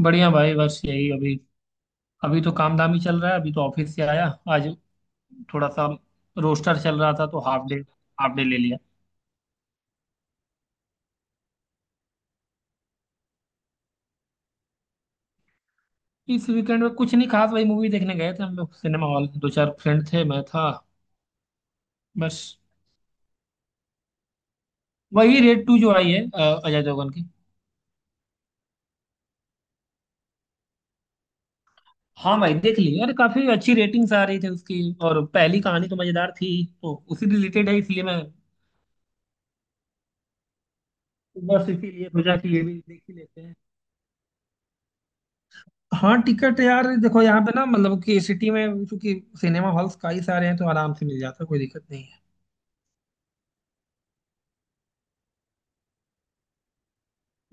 बढ़िया भाई। बस यही अभी अभी तो काम धाम ही चल रहा है। अभी तो ऑफिस से आया आज। थोड़ा सा रोस्टर चल रहा था तो हाफ डे ले लिया। इस वीकेंड में कुछ नहीं खास, वही मूवी देखने गए थे हम लोग सिनेमा हॉल। दो चार फ्रेंड थे, मैं था बस। वही रेड 2 जो आई है, अजय देवगन की। हाँ भाई, देख ली यार, काफी अच्छी रेटिंग्स आ रही थी उसकी। और पहली कहानी तो मजेदार थी, तो उसी रिलेटेड है, इसलिए मैं बस इसीलिए सोचा कि ये भी देख ही लेते हैं। हाँ टिकट, यार देखो यहाँ पे ना, मतलब कि सिटी में क्योंकि सिनेमा हॉल्स कई सारे हैं, तो आराम से मिल जाता है, कोई दिक्कत नहीं है।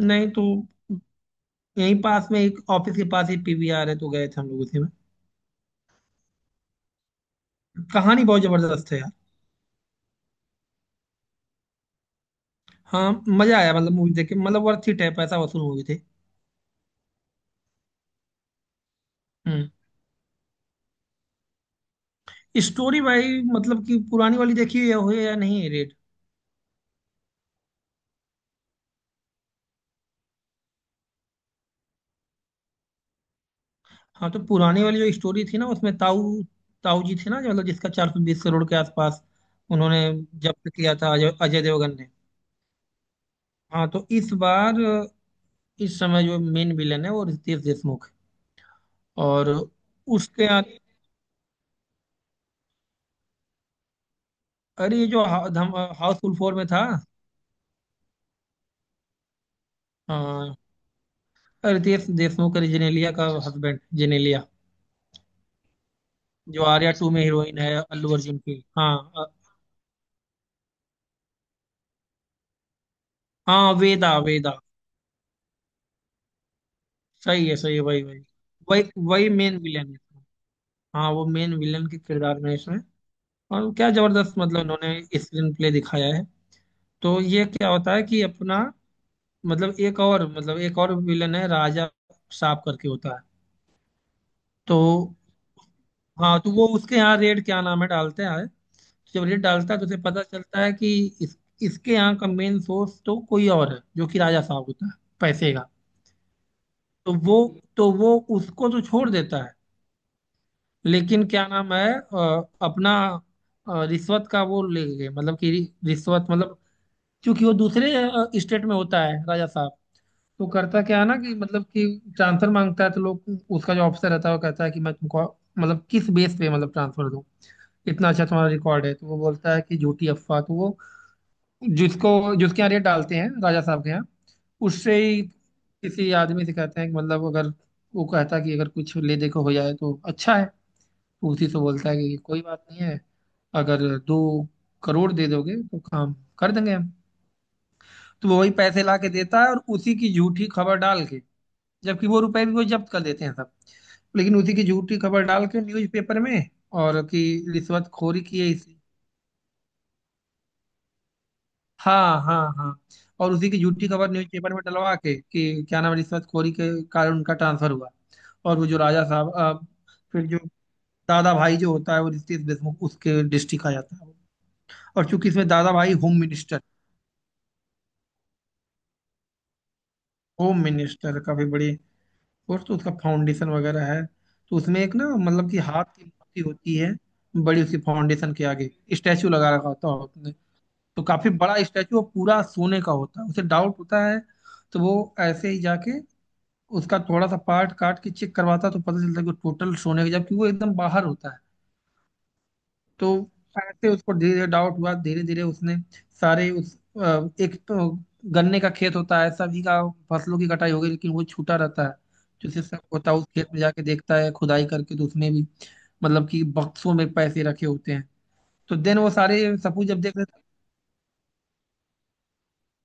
नहीं तो यहीं पास में, एक ऑफिस के पास ही पीवीआर है, तो गए थे हम लोग उसी में। कहानी बहुत जबरदस्त है यार। हाँ मजा आया, मतलब मूवी देख के, मतलब वर्थ इट है, पैसा वसूल मूवी थी। हम्म, स्टोरी भाई, मतलब कि पुरानी वाली देखी है हुई या नहीं, रेट। हाँ तो पुरानी वाली जो स्टोरी थी ना, उसमें ताऊ ताऊ जी थे ना, जो मतलब जिसका 420 करोड़ के आसपास उन्होंने जब्त किया था अजय अजय देवगन ने। हाँ तो इस बार इस समय जो मेन विलन है वो रितेश देशमुख है। और उसके आगे, अरे ये जो हाउसफुल 4 में था अ, रितेश देशमुख, अरे जेनेलिया का हस्बैंड, जेनेलिया जो आर्या 2 में हीरोइन है अल्लू अर्जुन की। हाँ हाँ वेदा वेदा, सही है सही है, वही वही वही वही मेन विलन है इसमें। हाँ वो मेन विलन के किरदार में है इसमें। और क्या जबरदस्त, मतलब उन्होंने स्क्रीन प्ले दिखाया है। तो ये क्या होता है कि अपना, मतलब एक और विलन है राजा साहब करके होता है। तो हाँ तो वो उसके यहाँ रेट, क्या नाम है, डालते हैं। तो जब रेट डालता है तो उसे पता चलता है कि इसके यहाँ का मेन सोर्स तो कोई और है जो कि राजा साहब होता है पैसे का। तो वो तो वो उसको तो छोड़ देता है। लेकिन क्या नाम है, अपना रिश्वत का वो ले गए, मतलब कि रिश्वत मतलब, क्योंकि वो दूसरे स्टेट में होता है राजा साहब। तो करता क्या है ना कि मतलब कि ट्रांसफर मांगता है, तो लोग उसका जो ऑफिसर रहता है वो कहता है कि मैं तुमको मतलब किस बेस पे मतलब ट्रांसफर दूं, इतना अच्छा तुम्हारा रिकॉर्ड है। तो वो बोलता है कि झूठी अफवाह, तो वो जिसको जिसके यहाँ रेट डालते हैं, राजा साहब के यहाँ, उससे ही किसी आदमी से कहते हैं कि मतलब अगर, वो कहता है कि अगर कुछ ले दे के हो जाए तो अच्छा है। तो उसी से बोलता है कि कोई बात नहीं है, अगर 2 करोड़ दे दोगे तो काम कर देंगे हम। तो वो वही पैसे ला के देता है और उसी की झूठी खबर डाल के, जबकि वो रुपए भी वो जब्त कर देते हैं सब। लेकिन उसी की झूठी खबर डाल के न्यूज़पेपर में, और कि रिश्वतखोरी की है इस, हाँ हाँ हाँ, और उसी की झूठी खबर न्यूज़पेपर में डलवा के कि, क्या नाम है, रिश्वतखोरी के कारण उनका ट्रांसफर हुआ। और वो जो राजा साहब फिर जो दादा भाई जो होता है वो रितेश देशमुख उसके डिस्ट्रिक्ट आ जाता है। और चूंकि इसमें दादा भाई होम मिनिस्टर, होम मिनिस्टर काफी बड़ी, और तो उसका फाउंडेशन वगैरह है। तो उसमें एक ना, मतलब कि हाथ की मूर्ति होती है बड़ी, उसकी फाउंडेशन के आगे स्टैचू लगा रखा होता है उसने। तो काफी बड़ा स्टैचू और पूरा सोने का होता है। उसे डाउट होता है तो वो ऐसे ही जाके उसका थोड़ा सा पार्ट काट के चेक करवाता है, तो पता चलता है कि टोटल सोने का, जबकि वो एकदम बाहर होता है। तो ऐसे उसको धीरे धीरे डाउट हुआ, धीरे धीरे उसने सारे उस एक तो गन्ने का खेत होता है सभी का। फसलों की कटाई हो गई लेकिन वो छूटा रहता है। जो सिर्फ सब होता है उस खेत में जाके देखता है खुदाई करके, तो उसमें भी मतलब कि बक्सों में पैसे रखे होते हैं। तो देन वो सारे सपूत जब देख रहे थे,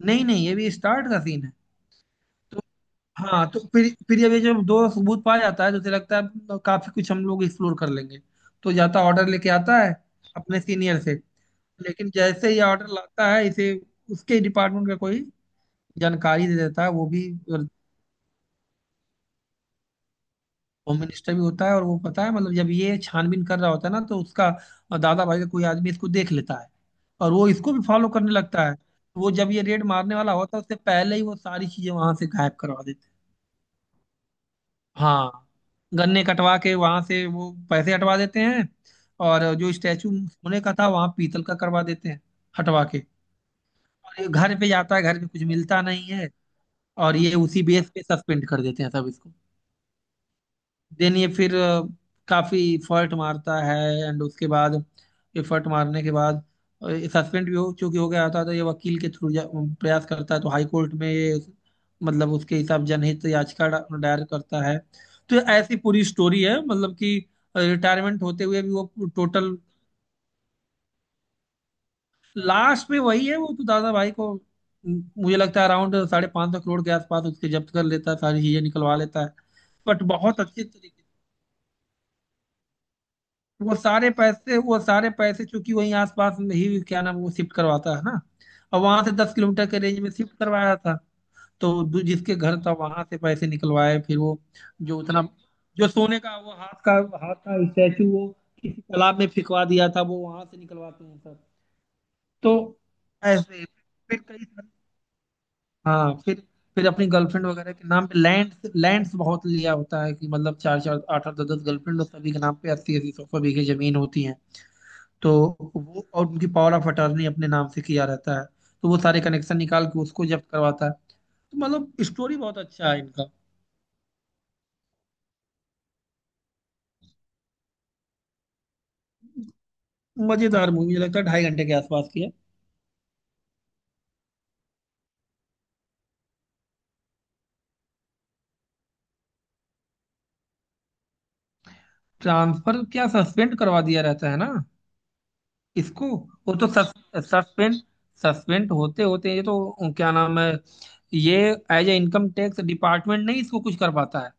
नहीं नहीं ये भी स्टार्ट का सीन है। तो हाँ तो फिर ये भी जब दो सबूत पाया जाता है तो उसे लगता है अब काफी कुछ हम लोग एक्सप्लोर कर लेंगे। तो जाता ऑर्डर लेके आता है अपने सीनियर से। लेकिन जैसे ही ऑर्डर लाता है इसे, उसके डिपार्टमेंट का कोई जानकारी दे देता है, वो भी होम मिनिस्टर भी होता है। और वो पता है, मतलब जब ये छानबीन कर रहा होता है ना, तो उसका दादा भाई का कोई आदमी इसको देख लेता है और वो इसको भी फॉलो करने लगता है। वो जब ये रेड मारने वाला होता है, उससे पहले ही वो सारी चीजें वहां से गायब करवा देता है। हाँ, गन्ने कटवा के वहां से वो पैसे हटवा देते हैं, और जो स्टैचू सोने का था वहां पीतल का करवा देते हैं हटवा के। और ये घर पे जाता है, घर पे कुछ मिलता नहीं है। और ये उसी बेस पे सस्पेंड कर देते हैं सब इसको। देन ये फिर काफी एफर्ट मारता है, एंड उसके बाद एफर्ट मारने के बाद, सस्पेंड भी हो चूंकि हो गया था, तो ये वकील के थ्रू प्रयास करता है, तो हाई कोर्ट में ये मतलब उसके हिसाब जनहित याचिका दायर करता है। तो ये ऐसी पूरी स्टोरी है, मतलब कि रिटायरमेंट होते हुए भी वो टोटल, लास्ट में वही है। वो तो दादा भाई को मुझे लगता है अराउंड 550 करोड़ के आसपास उसके जब्त कर लेता है, सारी चीजें निकलवा लेता है। बट बहुत अच्छे तरीके, वो सारे पैसे चूंकि वहीं आसपास में ही, क्या नाम, वो शिफ्ट करवाता है ना, और वहां से 10 किलोमीटर के रेंज में शिफ्ट करवाया था। तो जिसके घर था वहां से पैसे निकलवाए। फिर वो जो उतना जो सोने का वो हाथ का, हाथ का स्टैचू, वो किसी तालाब में फिंकवा दिया था, वो वहां से निकलवाते हैं सब। तो ऐसे फिर कई, हाँ फिर अपनी गर्लफ्रेंड वगैरह के नाम पे लैंड लैंड्स बहुत लिया होता है, कि मतलब चार चार आठ आठ दस दस गर्लफ्रेंड और सभी के नाम पे अस्सी अस्सी सौ सौ बीघे जमीन होती है। तो वो, और उनकी पावर ऑफ अटॉर्नी अपने नाम से किया रहता है। तो वो सारे कनेक्शन निकाल के उसको जब्त करवाता है। तो मतलब स्टोरी बहुत अच्छा है इनका। मजेदार मूवी, मुझे लगता है 2.5 घंटे के आसपास की है। ट्रांसफर क्या, सस्पेंड करवा दिया रहता है ना इसको। वो तो सस्पेंड सस्पेंड होते होते ये तो, क्या नाम है, ये as a income tax department, नहीं इसको कुछ कर पाता है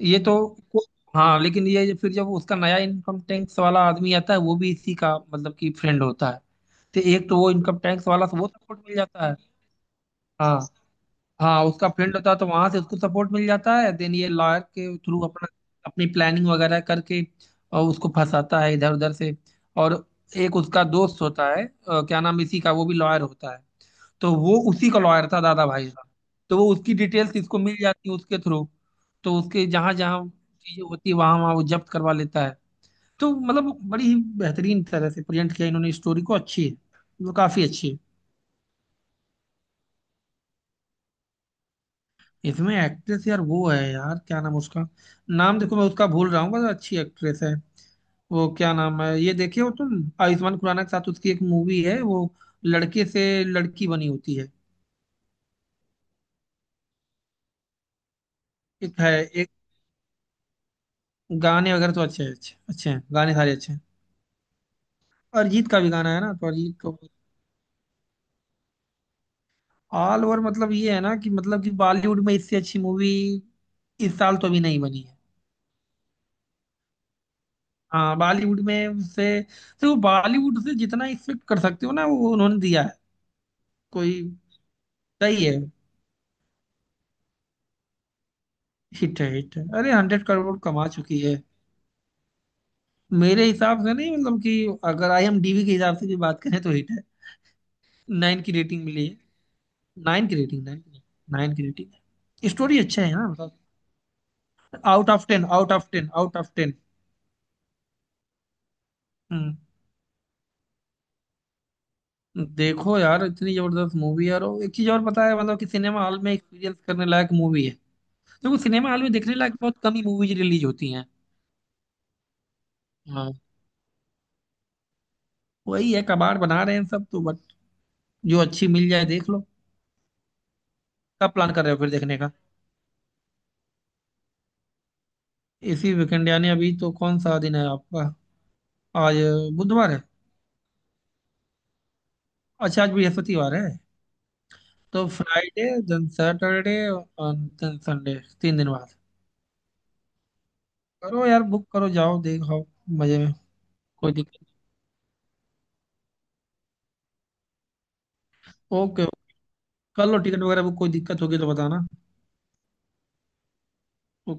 ये तो। को- हाँ लेकिन ये फिर जब उसका नया इनकम टैक्स वाला आदमी आता है वो भी इसी का मतलब कि फ्रेंड होता है। तो एक तो वो इनकम टैक्स वाला से वो सपोर्ट मिल जाता है। हाँ, हाँ उसका फील्ड होता है तो वहां से उसको सपोर्ट मिल जाता है। देन ये लॉयर के थ्रू अपना अपनी प्लानिंग वगैरह करके, और उसको फंसाता है इधर उधर से। और एक उसका दोस्त होता है क्या नाम इसी का, वो भी लॉयर होता है। तो वो उसी का लॉयर था दादा भाई का। तो वो उसकी डिटेल्स इसको मिल जाती है उसके थ्रू। तो उसके जहाँ जहाँ चीजें होती है वहां वहां वो जब्त करवा लेता है। तो मतलब बड़ी ही बेहतरीन तरह से प्रेजेंट किया इन्होंने स्टोरी को, अच्छी है वो, काफी अच्छी है। इसमें एक्ट्रेस यार वो है यार, क्या नाम उसका, नाम देखो मैं उसका भूल रहा हूँ, बस अच्छी एक्ट्रेस है। वो क्या नाम है, ये देखे हो तुम, आयुष्मान खुराना के साथ उसकी एक मूवी है वो, लड़के से लड़की बनी होती है। एक है, एक, गाने वगैरह तो अच्छे अच्छे अच्छे हैं, गाने सारे अच्छे हैं। अरिजीत का भी गाना है ना, तो अरिजीत का। ऑल ओवर मतलब ये है ना कि मतलब कि बॉलीवुड में इससे अच्छी मूवी इस साल तो अभी नहीं बनी है। हाँ बॉलीवुड में से देखो, बॉलीवुड से जितना एक्सपेक्ट कर सकते हो ना वो उन्होंने दिया है। कोई, सही है। हिट है हिट है, अरे 100 करोड़ कमा चुकी है। मेरे हिसाब से नहीं, मतलब कि अगर आईएमडीबी के हिसाब से भी बात करें तो हिट है। नाइन की रेटिंग मिली है। 9 की रेटिंग, 9। 9 की रेटिंग है, स्टोरी अच्छा है ना मतलब। Out of 10, out of ten, out of ten. Hmm, देखो यार इतनी जबरदस्त मूवी है, और एक चीज और पता है मतलब कि सिनेमा हॉल में एक्सपीरियंस करने लायक मूवी है। देखो सिनेमा हॉल में देखने लायक बहुत कम ही मूवीज रिलीज होती हैं। हाँ वही है, कबाड़ बना रहे हैं सब तो, बट जो अच्छी मिल जाए देख लो। कब प्लान कर रहे हो फिर देखने का? इसी वीकेंड यानी अभी, तो कौन सा दिन है आपका आज? बुधवार है, अच्छा आज बृहस्पतिवार है। तो फ्राइडे, देन सैटरडे, और देन संडे, तीन दिन बाद। करो यार, बुक करो जाओ देखो, मजे में, कोई दिक्कत। ओके, कर लो टिकट वगैरह बुक, कोई दिक्कत होगी तो बताना। ओके।